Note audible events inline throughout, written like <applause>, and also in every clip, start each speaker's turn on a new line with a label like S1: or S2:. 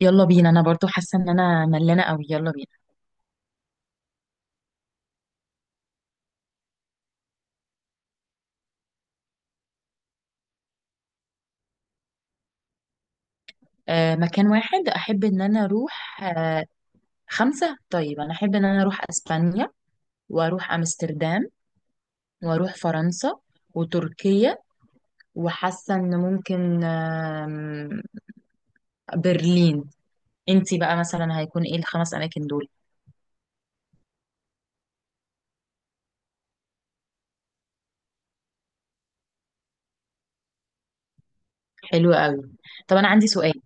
S1: يلا بينا، انا برضو حاسه ان انا ملانه قوي. يلا بينا. مكان واحد احب ان انا اروح خمسه. طيب انا احب ان انا اروح اسبانيا، واروح امستردام، واروح فرنسا، وتركيا، وحاسه ان ممكن برلين. انتي بقى مثلا هيكون ايه الخمس اماكن دول؟ حلو قوي. طب انا عندي سؤال.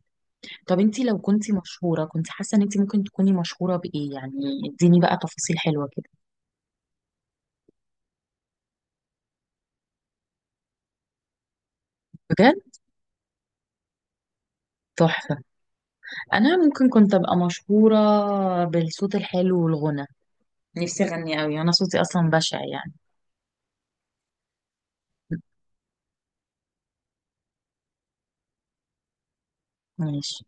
S1: طب انتي لو كنتي مشهوره، كنت حاسه ان انتي ممكن تكوني مشهوره بايه يعني؟ اديني بقى تفاصيل حلوه كده. بجد. تحفه. انا ممكن كنت ابقى مشهوره بالصوت الحلو والغنى. نفسي اغني قوي، انا صوتي اصلا بشع يعني. ماشي.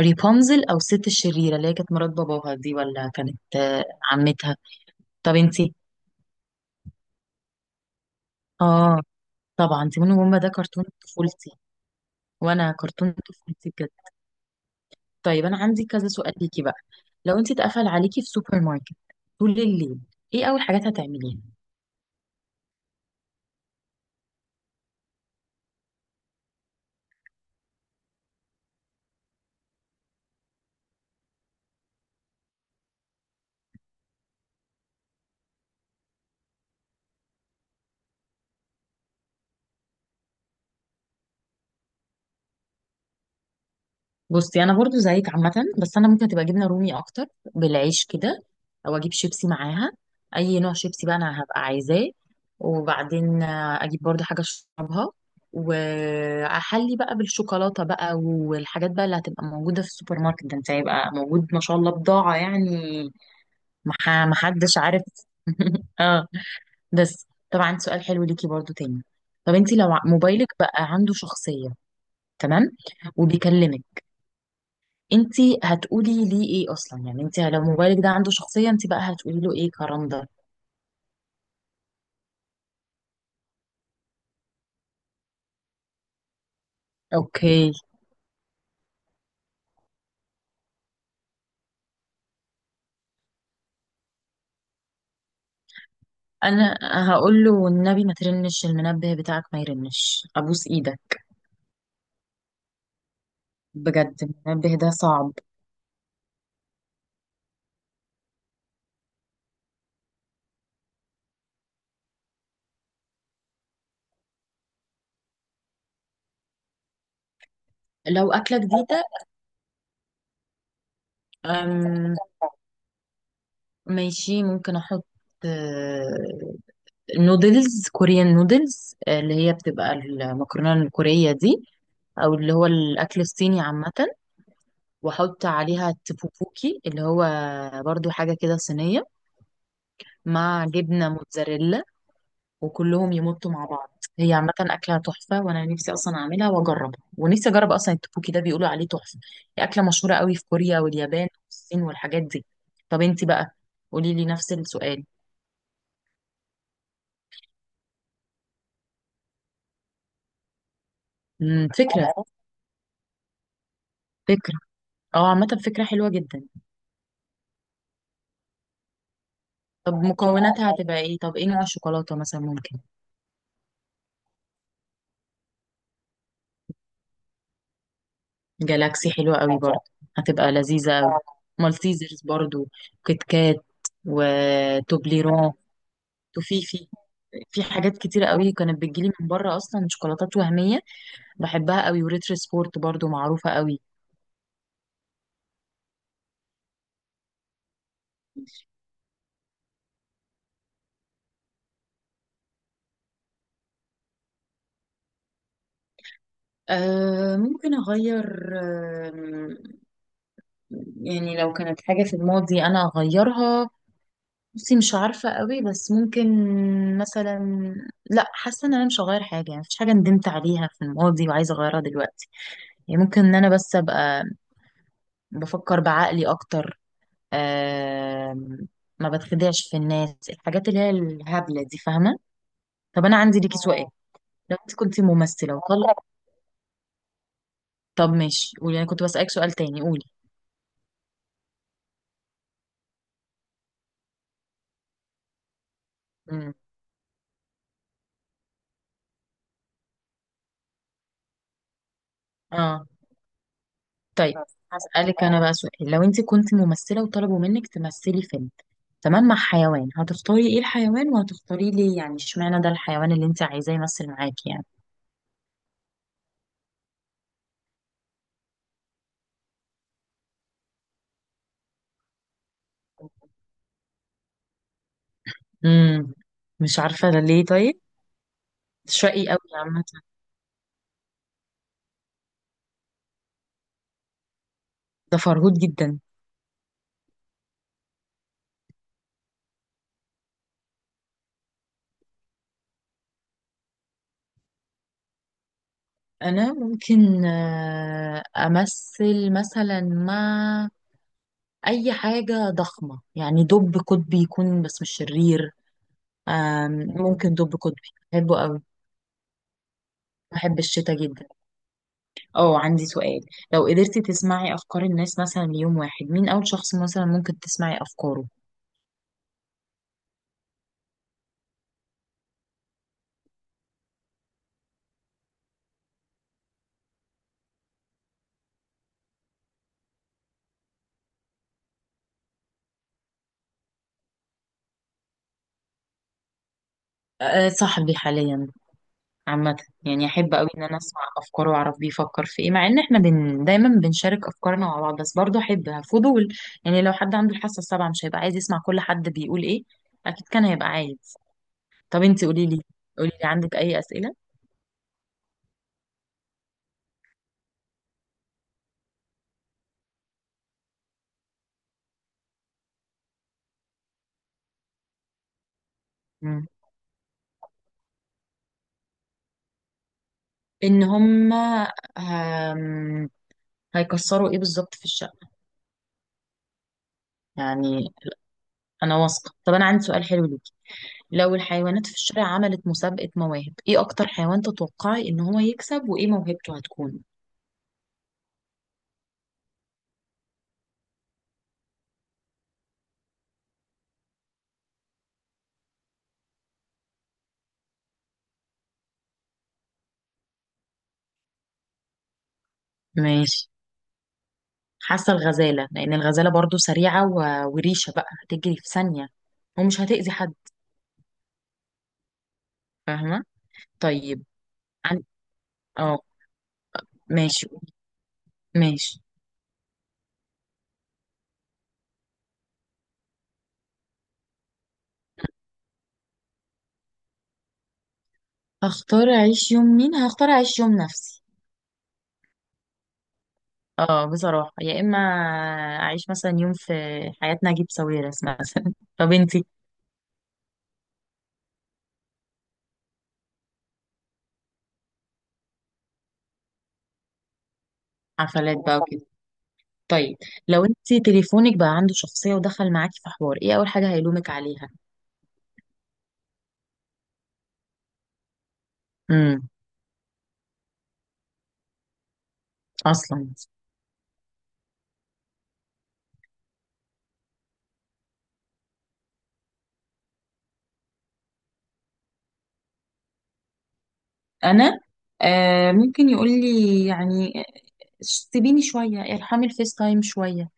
S1: ريبونزل، او الست الشريره اللي هي كانت مرات باباها دي، ولا كانت عمتها. طب انتي؟ اه. طبعا، تيمون وبومبا ده كرتون طفولتي. وانا كرتون طفولتي بجد. طيب، انا عندي كذا سؤال ليكي بقى. لو انتي اتقفل عليكي في سوبر ماركت طول الليل، ايه اول حاجات هتعمليها؟ بصي، انا برضو زيك عامه. بس انا ممكن تبقى جبنه رومي اكتر، بالعيش كده. او اجيب شيبسي معاها. اي نوع شيبسي بقى انا هبقى عايزاه. وبعدين اجيب برضو حاجه اشربها. واحلي بقى بالشوكولاته بقى، والحاجات بقى اللي هتبقى موجوده في السوبر ماركت ده. انت هيبقى موجود ما شاء الله، بضاعه يعني. ما حدش عارف. <laughs> اه. بس طبعا عندي سؤال حلو ليكي برضو تاني. طب انت لو موبايلك بقى عنده شخصيه. تمام. وبيكلمك. انتي هتقولي ليه ايه اصلا يعني؟ انتي لو موبايلك ده عنده شخصية، انتي بقى هتقولي له ايه كرم ده؟ اوكي. انا هقول له والنبي ما ترنش المنبه بتاعك ما يرنش، ابوس ايدك. بجد المنبه ده صعب. لو اكلة جديدة. أم ماشي، ممكن احط نودلز كوريان نودلز اللي هي بتبقى المكرونة الكورية دي. او اللي هو الاكل الصيني عامة. واحط عليها تبوبوكي، اللي هو برضو حاجة كده صينية. مع جبنة موتزاريلا. وكلهم يمطوا مع بعض. هي عامة أكلة تحفة، وأنا نفسي أصلا أعملها وأجربها، ونفسي أجرب أصلا التبوكي ده بيقولوا عليه تحفة. هي أكلة مشهورة قوي في كوريا واليابان والصين والحاجات دي. طب أنت بقى، قولي لي نفس السؤال. فكرة. فكرة. اه، عامة فكرة حلوة جدا. طب مكوناتها هتبقى ايه؟ طب ايه نوع الشوكولاتة مثلا ممكن؟ جالاكسي حلوة قوي برضه. هتبقى لذيذة قوي. مالتيزرز برضه. كيت كات. وتوبليرون. وفي في في حاجات كتيرة قوي كانت بتجيلي من بره، اصلا شوكولاتات وهمية. بحبها قوي، وريتر سبورت برضو معروفة قوي. أه، ممكن اغير. آم، يعني لو كانت حاجة في الماضي انا اغيرها، بصي مش عارفة قوي، بس ممكن مثلا. لا، حاسة ان انا مش هغير حاجة يعني. مفيش حاجة ندمت عليها في الماضي وعايزة اغيرها دلوقتي. يعني ممكن ان انا بس ابقى بفكر بعقلي اكتر. أه. ما بتخدعش في الناس، الحاجات اللي هي الهبلة دي، فاهمة؟ طب انا عندي ليكي سؤال. اه. لو انت كنت ممثله وطلع. طب ماشي، قولي. انا كنت بسالك سؤال تاني، قولي. امم. اه. طيب. هسالك انا بقى سؤال، لو انت كنت ممثله وطلبوا منك تمثلي فيلم، تمام، مع حيوان، هتختاري ايه الحيوان وهتختاري ليه يعني؟ اشمعنى ده الحيوان اللي انت عايزاه يمثل معاكي يعني؟ امم. مش عارفه ده ليه، طيب. شقي قوي عامه. ده فرهود جدا. انا ممكن امثل مثلا مع اي حاجه ضخمه يعني، دب قطبي يكون، بس مش شرير. ممكن دب قطبي. بحبه قوي. بحب الشتاء جدا. اه، عندي سؤال. لو قدرتي تسمعي افكار الناس مثلا ليوم واحد، مين اول شخص مثلا ممكن تسمعي افكاره؟ أه، صاحبي حاليا. عامة. يعني أحب أوي إن أنا أسمع أفكاره وأعرف بيفكر في إيه، مع إن إحنا دايما بنشارك أفكارنا مع بعض، بس برضه أحب فضول. يعني لو حد عنده الحاسة السابعة، مش هيبقى عايز يسمع كل حد بيقول إيه؟ أكيد كان هيبقى عايز. طب أنتي، قوليلي. قوليلي، عندك أي أسئلة؟ مم. ان هم هم- هيكسروا ايه بالظبط في الشقه؟ يعني. انا واثقه. طب انا عندي سؤال حلو ليكي. لو الحيوانات في الشارع عملت مسابقه مواهب، ايه اكتر حيوان تتوقعي ان هو يكسب، وايه موهبته هتكون؟ ماشي. حاسه الغزاله، لان الغزاله برضو سريعه وريشه بقى هتجري في ثانيه. ومش هتأذي حد. فاهمه. طيب. عن... اه. ماشي، ماشي. هختار اعيش يوم مين؟ هختار اعيش يوم نفسي. اه، بصراحة، يا إما أعيش مثلا يوم في حياة نجيب ساويرس مثلا. <laughs> طب انتي؟ حفلات بقى وكده. طيب، لو انتي تليفونك بقى عنده شخصية ودخل معاكي في حوار، ايه أول حاجة هيلومك عليها؟ امم. أصلا. أنا. ممكن يقول لي يعني سيبيني شوية، ارحمي الفيس تايم شوية.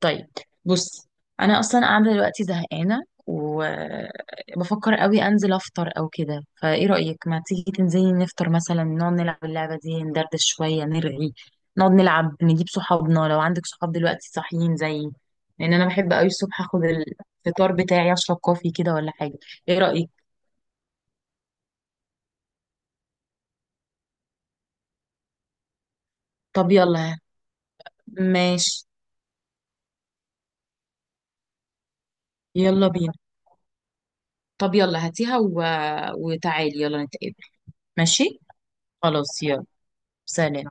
S1: طيب. بص. انا اصلا قاعده دلوقتي زهقانه وبفكر قوي انزل افطر او كده، فايه رايك، ما تيجي تنزلي نفطر مثلا، نقعد نلعب اللعبه دي، ندردش شويه، نرغي. نقعد نلعب، نجيب صحابنا لو عندك صحاب دلوقتي صاحيين زيي. لان انا بحب قوي الصبح اخد الفطار بتاعي، اشرب كوفي كده ولا حاجه. ايه رايك؟ طب يلا. ماشي. يلا بينا. طب يلا هاتيها وتعالي يلا نتقابل. ماشي. خلاص يلا. سلام.